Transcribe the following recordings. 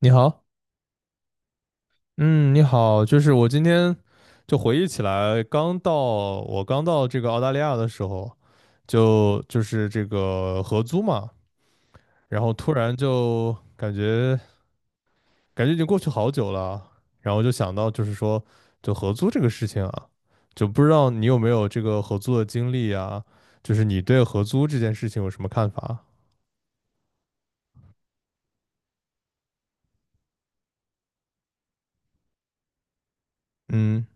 你好。嗯，你好，就是我今天就回忆起来，刚到我刚到这个澳大利亚的时候，就是这个合租嘛，然后突然就感觉已经过去好久了，然后就想到就是说就合租这个事情啊，就不知道你有没有这个合租的经历啊，就是你对合租这件事情有什么看法？嗯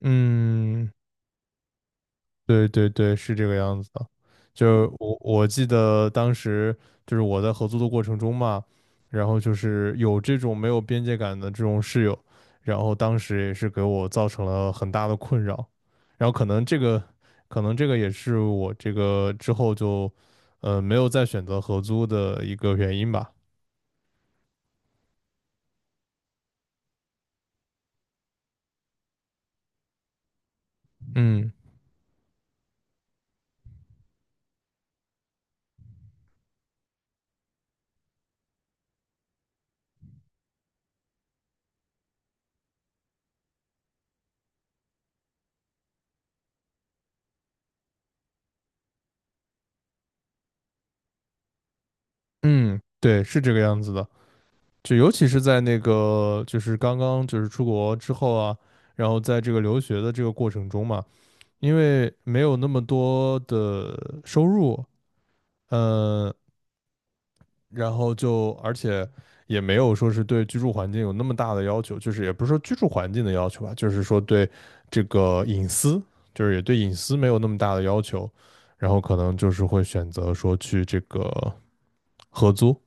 嗯。对对对，是这个样子的。就是我记得当时就是我在合租的过程中嘛，然后就是有这种没有边界感的这种室友，然后当时也是给我造成了很大的困扰。然后可能这个，可能这个也是我这个之后就，没有再选择合租的一个原因吧。嗯嗯，对，是这个样子的。就尤其是在那个就是刚刚就是出国之后啊。然后在这个留学的这个过程中嘛，因为没有那么多的收入，嗯，然后就而且也没有说是对居住环境有那么大的要求，就是也不是说居住环境的要求吧，就是说对这个隐私，就是也对隐私没有那么大的要求，然后可能就是会选择说去这个合租。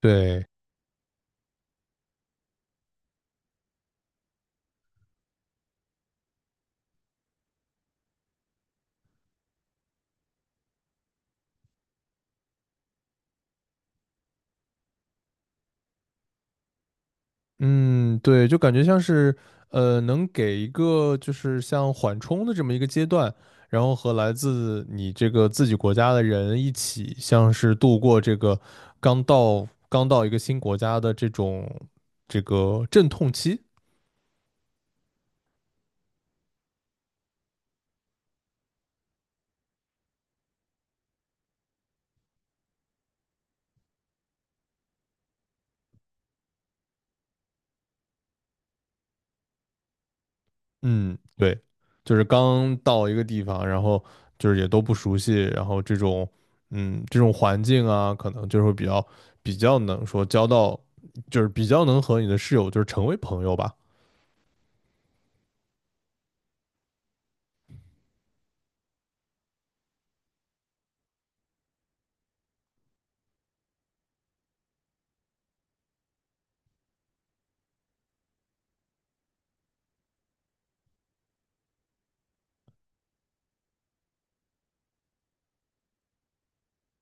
对，嗯，对，就感觉像是，能给一个就是像缓冲的这么一个阶段，然后和来自你这个自己国家的人一起，像是度过这个刚到一个新国家的这种这个阵痛期。嗯，对，就是刚到一个地方，然后就是也都不熟悉，然后这种嗯这种环境啊，可能就是会比较能说交到，就是比较能和你的室友就是成为朋友吧。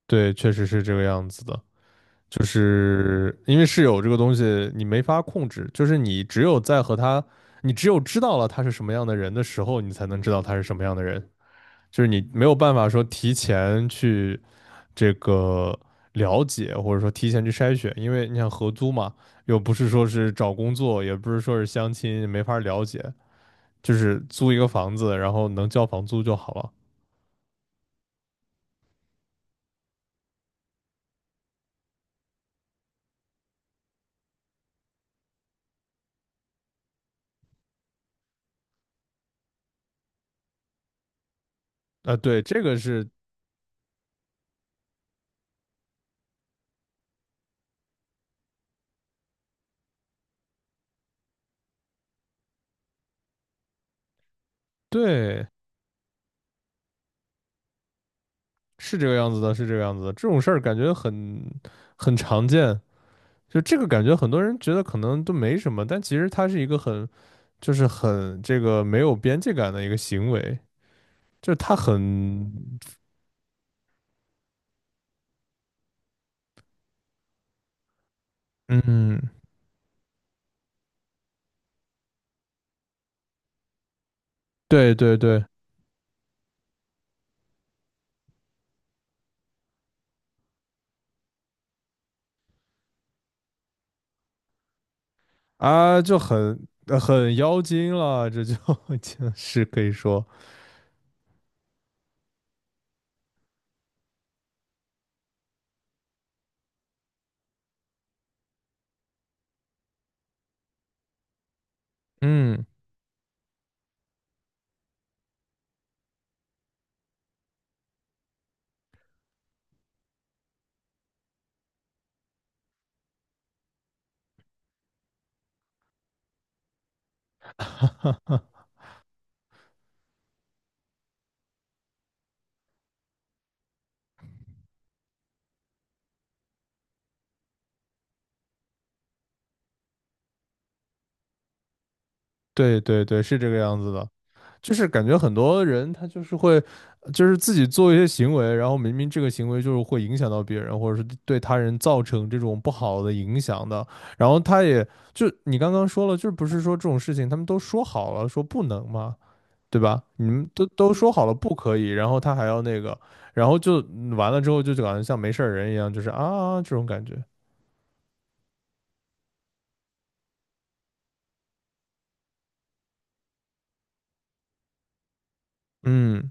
对，确实是这个样子的，就是因为室友这个东西你没法控制，就是你只有在和他，你只有知道了他是什么样的人的时候，你才能知道他是什么样的人，就是你没有办法说提前去这个了解，或者说提前去筛选，因为你想合租嘛，又不是说是找工作，也不是说是相亲，没法了解，就是租一个房子，然后能交房租就好了。啊、对，这个是对。是这个样子的，是这个样子的。这种事儿感觉很常见，就这个感觉很多人觉得可能都没什么，但其实它是一个很就是很这个没有边界感的一个行为，就是它很嗯，对对对啊，就很很妖精了，这就 就是可以说嗯，对对对，是这个样子的。就是感觉很多人他就是会，就是自己做一些行为，然后明明这个行为就是会影响到别人，或者是对他人造成这种不好的影响的，然后他也就你刚刚说了，就是不是说这种事情他们都说好了说不能吗？对吧？你们都说好了不可以，然后他还要那个，然后就完了之后就感觉像没事儿人一样，就是啊这种感觉。嗯，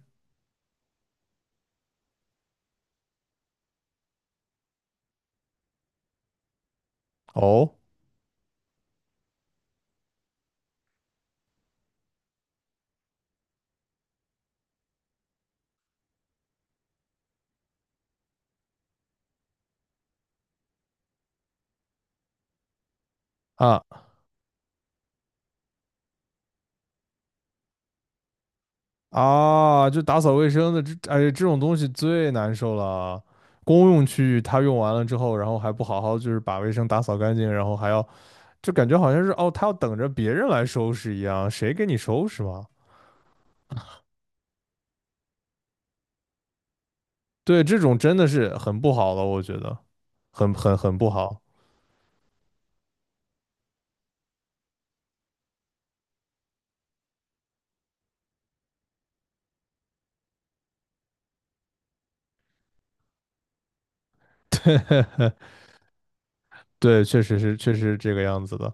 哦啊啊，就打扫卫生的这，哎，这种东西最难受了啊。公用区域他用完了之后，然后还不好好就是把卫生打扫干净，然后还要就感觉好像是哦，他要等着别人来收拾一样，谁给你收拾嘛？对，这种真的是很不好了，我觉得很不好。对，确实是，确实是这个样子的。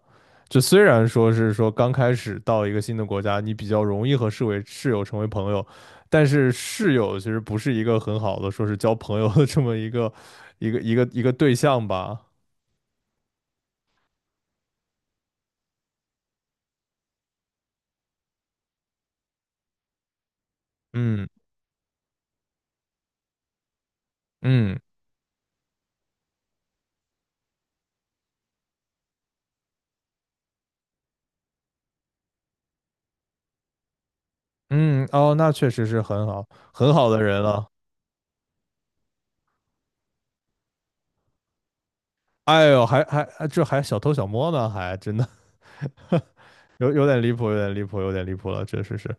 就虽然说是说刚开始到一个新的国家，你比较容易和室友成为朋友，但是室友其实不是一个很好的说是交朋友的这么一个对象吧。嗯嗯嗯，哦，那确实是很好很好的人了。哎呦，还这还小偷小摸呢，还真的 有有点离谱，有点离谱，有点离谱了，确实是。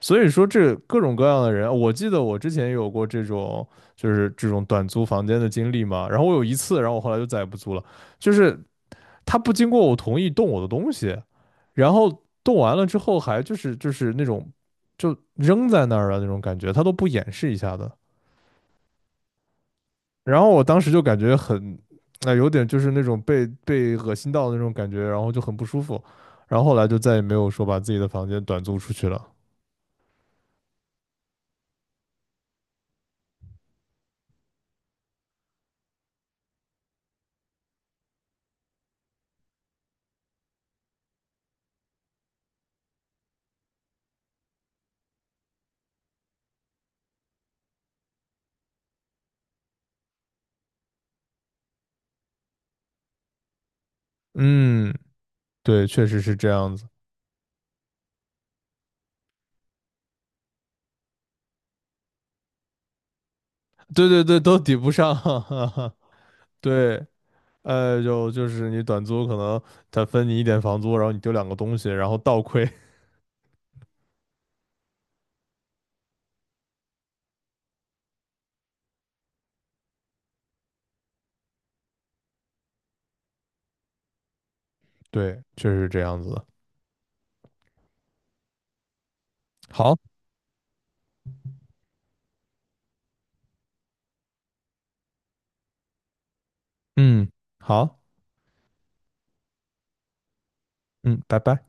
所以说这各种各样的人，我记得我之前有过这种就是这种短租房间的经历嘛。然后我有一次，然后我后来就再也不租了，就是他不经过我同意动我的东西，然后动完了之后还就是那种就扔在那儿的那种感觉，他都不掩饰一下的。然后我当时就感觉很，啊、有点就是那种被恶心到的那种感觉，然后就很不舒服。然后后来就再也没有说把自己的房间短租出去了。嗯，对，确实是这样子。对对对，都抵不上。对，就是你短租，可能他分你一点房租，然后你丢两个东西，然后倒亏。对，确实是这样子的。好，嗯，好，嗯，拜拜。